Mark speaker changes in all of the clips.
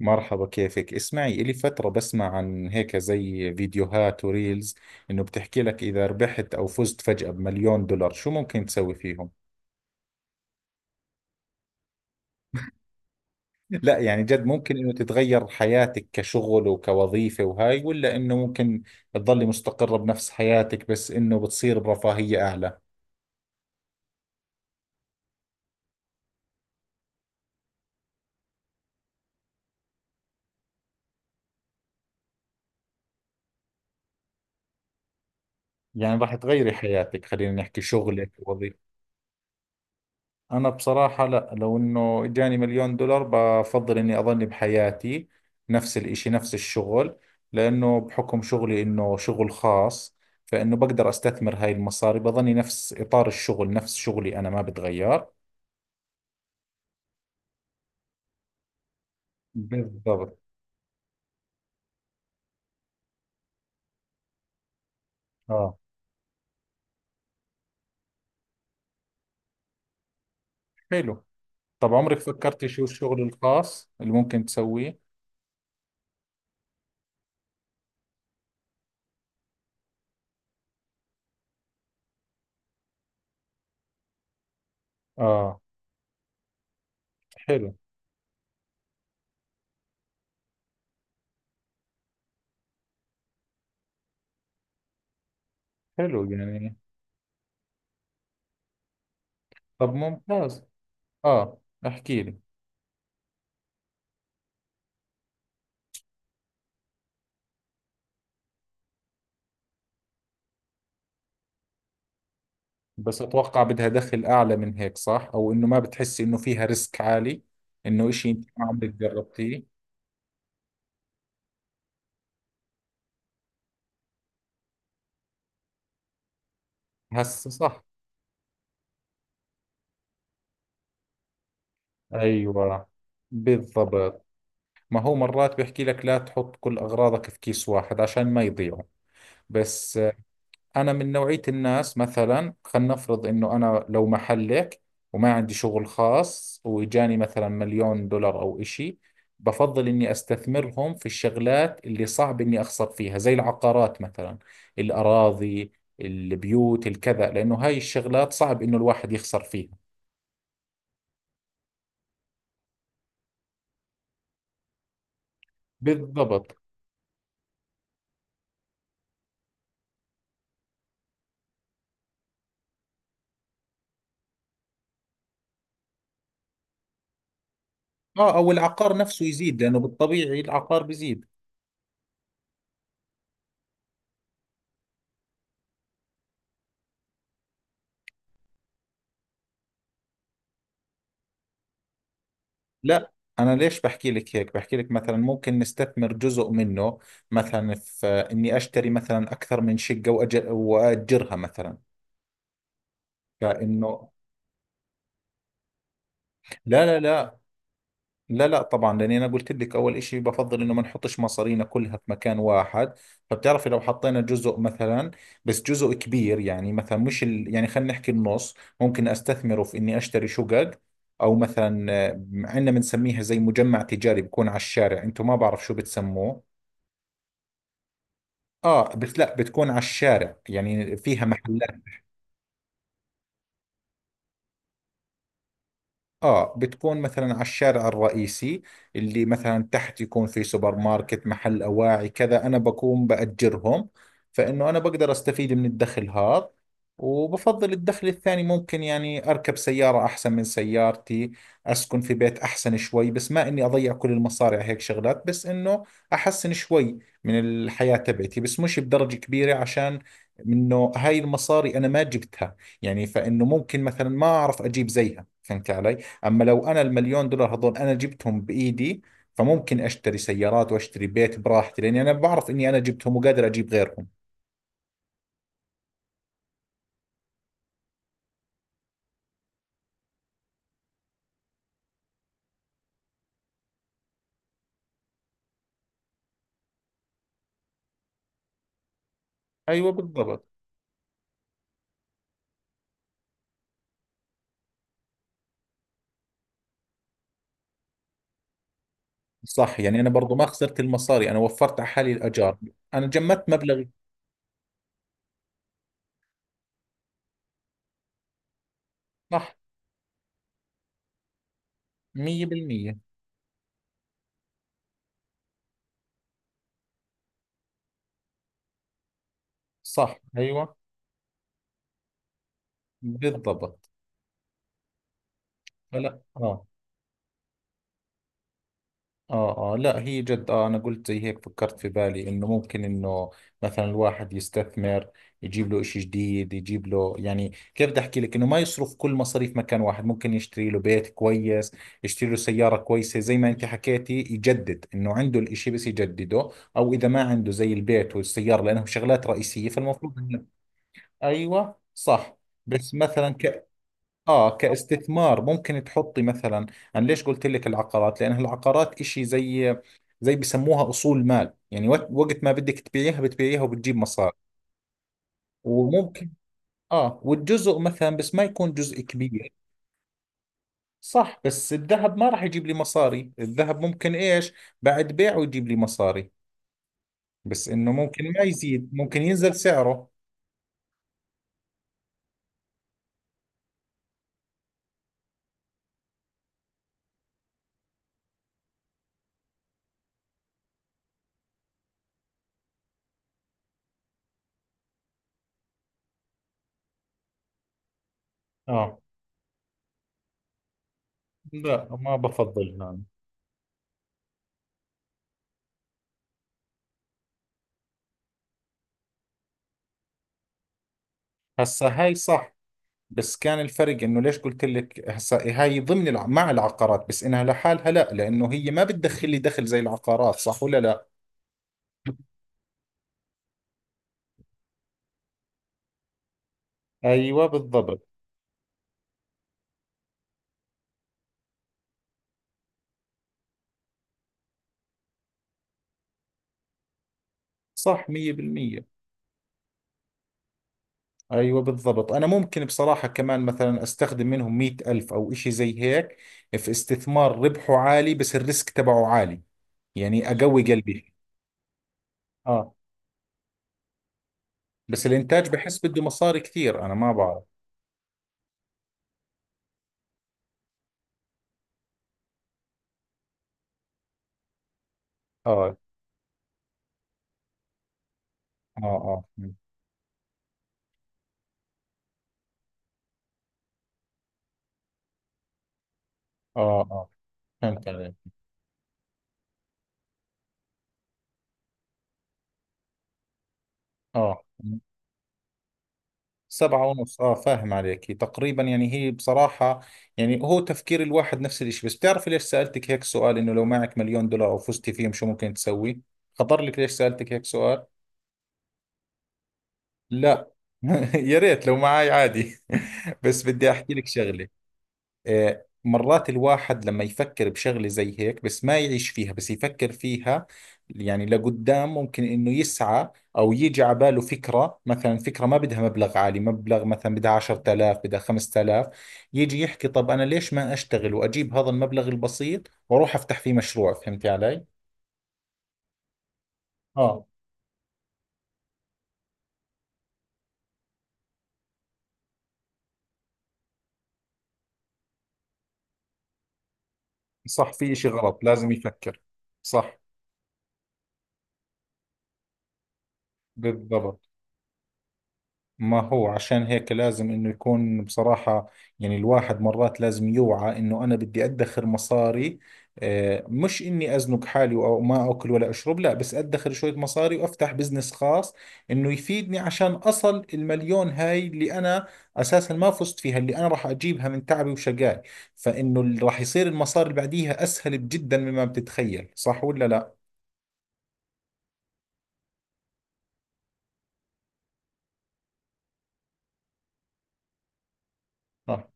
Speaker 1: مرحبا، كيفك. اسمعي، إلي فترة بسمع عن هيك زي فيديوهات وريلز إنه بتحكي لك إذا ربحت أو فزت فجأة بمليون دولار شو ممكن تسوي فيهم. لا، يعني جد ممكن إنه تتغير حياتك كشغل وكوظيفة وهاي، ولا إنه ممكن تضلي مستقرة بنفس حياتك بس إنه بتصير برفاهية أعلى؟ يعني راح تغيري حياتك. خلينا نحكي شغلك ووظيفتك. أنا بصراحة لا، لو إنه إجاني مليون دولار بفضل إني أظل بحياتي نفس الإشي، نفس الشغل، لأنه بحكم شغلي إنه شغل خاص، فإنه بقدر أستثمر هاي المصاري بظني نفس إطار الشغل، نفس شغلي أنا ما بتغير. بالضبط. آه. حلو. طب عمرك فكرتي شو الشغل الخاص اللي ممكن تسويه؟ آه. حلو، حلو يعني. طب ممتاز. آه. احكي لي. بس اتوقع بدها دخل اعلى من هيك، صح؟ او انه ما بتحسي انه فيها ريسك عالي، انه اشي انت ما عمرك جربتيه؟ هسه صح. ايوه، بالضبط. ما هو مرات بيحكي لك لا تحط كل اغراضك في كيس واحد عشان ما يضيعوا. بس أنا من نوعية الناس، مثلا خلينا نفرض إنه أنا لو محلك وما عندي شغل خاص وإجاني مثلا مليون دولار أو إشي، بفضل إني أستثمرهم في الشغلات اللي صعب إني أخسر فيها، زي العقارات مثلا، الأراضي، البيوت، الكذا، لأنه هاي الشغلات صعب إنه الواحد يخسر فيها. بالضبط. آه، أو العقار نفسه يزيد لأنه بالطبيعي العقار بيزيد. لا. أنا ليش بحكي لك هيك؟ بحكي لك مثلا ممكن نستثمر جزء منه، مثلا في إني أشتري مثلا أكثر من شقة وأجرها مثلا. فإنه، لا لا لا، لا لا طبعا، لأني أنا قلت لك أول إشي بفضل إنه ما نحطش مصارينا كلها في مكان واحد. فبتعرفي لو حطينا جزء مثلا، بس جزء كبير، يعني مثلا مش يعني خلينا نحكي النص، ممكن أستثمره في إني أشتري شقق، أو مثلا عندنا بنسميها زي مجمع تجاري بكون على الشارع، أنتم ما بعرف شو بتسموه. اه، بس لا، بتكون على الشارع يعني فيها محلات. اه، بتكون مثلا على الشارع الرئيسي، اللي مثلا تحت يكون في سوبر ماركت، محل اواعي، كذا، انا بكون باجرهم، فانه انا بقدر استفيد من الدخل هذا، وبفضل الدخل الثاني ممكن يعني اركب سيارة احسن من سيارتي، اسكن في بيت احسن شوي، بس ما اني اضيع كل المصاري على هيك شغلات، بس انه احسن شوي من الحياة تبعتي، بس مش بدرجة كبيرة، عشان انه هاي المصاري انا ما جبتها، يعني فانه ممكن مثلا ما اعرف اجيب زيها، فهمت علي؟ اما لو انا المليون دولار هذول انا جبتهم بايدي، فممكن اشتري سيارات واشتري بيت براحتي، لاني انا بعرف اني انا جبتهم وقادر اجيب غيرهم. ايوه بالضبط. صح، يعني انا برضو ما خسرت المصاري، انا وفرت على حالي الاجار. انا جمدت مبلغي. صح. 100%. صح. ايوه بالضبط. فلا، اه. آه آه، لا هي جد، آه أنا قلت زي هيك فكرت في بالي إنه ممكن إنه مثلا الواحد يستثمر، يجيب له إشي جديد، يجيب له، يعني كيف بدي أحكي لك، إنه ما يصرف كل مصاريف مكان واحد، ممكن يشتري له بيت كويس، يشتري له سيارة كويسة زي ما أنت حكيتي، يجدد إنه عنده الإشي بس يجدده، أو إذا ما عنده زي البيت والسيارة لأنهم شغلات رئيسية فالمفروض إنه. أيوة صح. بس مثلا اه كاستثمار ممكن تحطي مثلا. انا ليش قلت لك العقارات؟ لان العقارات اشي زي، زي بيسموها اصول مال، يعني وقت ما بدك تبيعيها بتبيعيها وبتجيب مصاري. وممكن، اه، والجزء مثلا بس ما يكون جزء كبير. صح، بس الذهب ما راح يجيب لي مصاري، الذهب ممكن ايش، بعد بيعه يجيب لي مصاري، بس انه ممكن ما يزيد، ممكن ينزل سعره. اه، لا ما بفضل يعني. هسا هاي صح، بس كان الفرق انه ليش قلت لك هسا هاي ضمن مع العقارات بس انها لحالها؟ لا لانه هي ما بتدخل لي دخل زي العقارات، صح ولا لا؟ ايوه بالضبط. صح، 100%. أيوة بالضبط. أنا ممكن بصراحة كمان مثلا أستخدم منهم 100,000 أو إشي زي هيك في استثمار ربحه عالي بس الريسك تبعه عالي، يعني أقوي قلبي. آه. بس الإنتاج بحس بده مصاري كثير، أنا ما بعرف. آه. آه. آه. آه. آه، فهمت عليك. آه. 7.5، اه فاهم عليك تقريبا. يعني هي بصراحة، يعني هو تفكير الواحد نفس الاشي. بس بتعرفي ليش سألتك هيك سؤال، انه لو معك مليون دولار او فزتي فيهم شو ممكن تسوي؟ خطر لك ليش سألتك هيك سؤال؟ لا. يا ريت لو معاي، عادي. بس بدي احكي لك شغلة. آه، مرات الواحد لما يفكر بشغلة زي هيك، بس ما يعيش فيها بس يفكر فيها، يعني لقدام ممكن انه يسعى، او يجي على باله فكرة، مثلا فكرة ما بدها مبلغ عالي، مبلغ مثلا بدها 10,000، بدها 5,000، يجي يحكي طب انا ليش ما اشتغل واجيب هذا المبلغ البسيط واروح افتح فيه مشروع، فهمتي علي؟ اه، صح، في اشي غلط، لازم يفكر. صح. بالضبط. ما هو عشان هيك لازم انه يكون بصراحة، يعني الواحد مرات لازم يوعى انه انا بدي ادخر مصاري، آه، مش اني ازنق حالي او ما اكل ولا اشرب، لا، بس ادخر شوية مصاري وافتح بزنس خاص انه يفيدني، عشان اصل المليون هاي اللي انا اساسا ما فزت فيها اللي انا راح اجيبها من تعبي وشقاي، فانه اللي راح يصير المصاري اللي بعديها اسهل جدا مما بتتخيل، صح ولا لا؟ صح.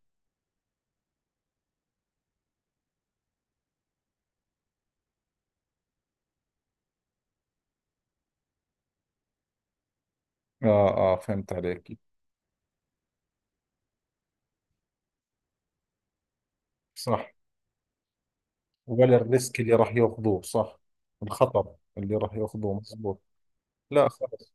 Speaker 1: اه، اه، فهمت عليك. صح، ولا الريسك اللي راح ياخذوه، صح؟ الخطر اللي راح ياخذوه، مزبوط. لا خلص.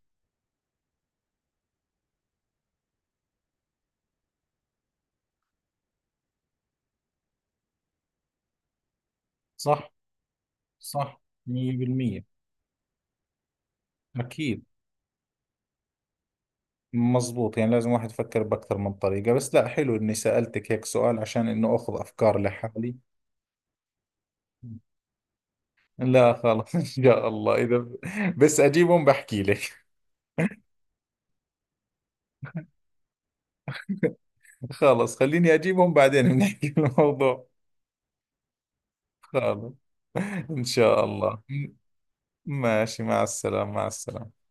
Speaker 1: صح. صح. 100%. اكيد. مزبوط، يعني لازم واحد يفكر باكثر من طريقة. بس لا، حلو اني سألتك هيك سؤال عشان انه اخذ افكار لحالي. لا خلص. ان شاء الله، اذا بس اجيبهم بحكي لك. خلص، خليني اجيبهم بعدين بنحكي الموضوع. خلص. ان شاء الله. ماشي، مع السلامة، مع السلامة.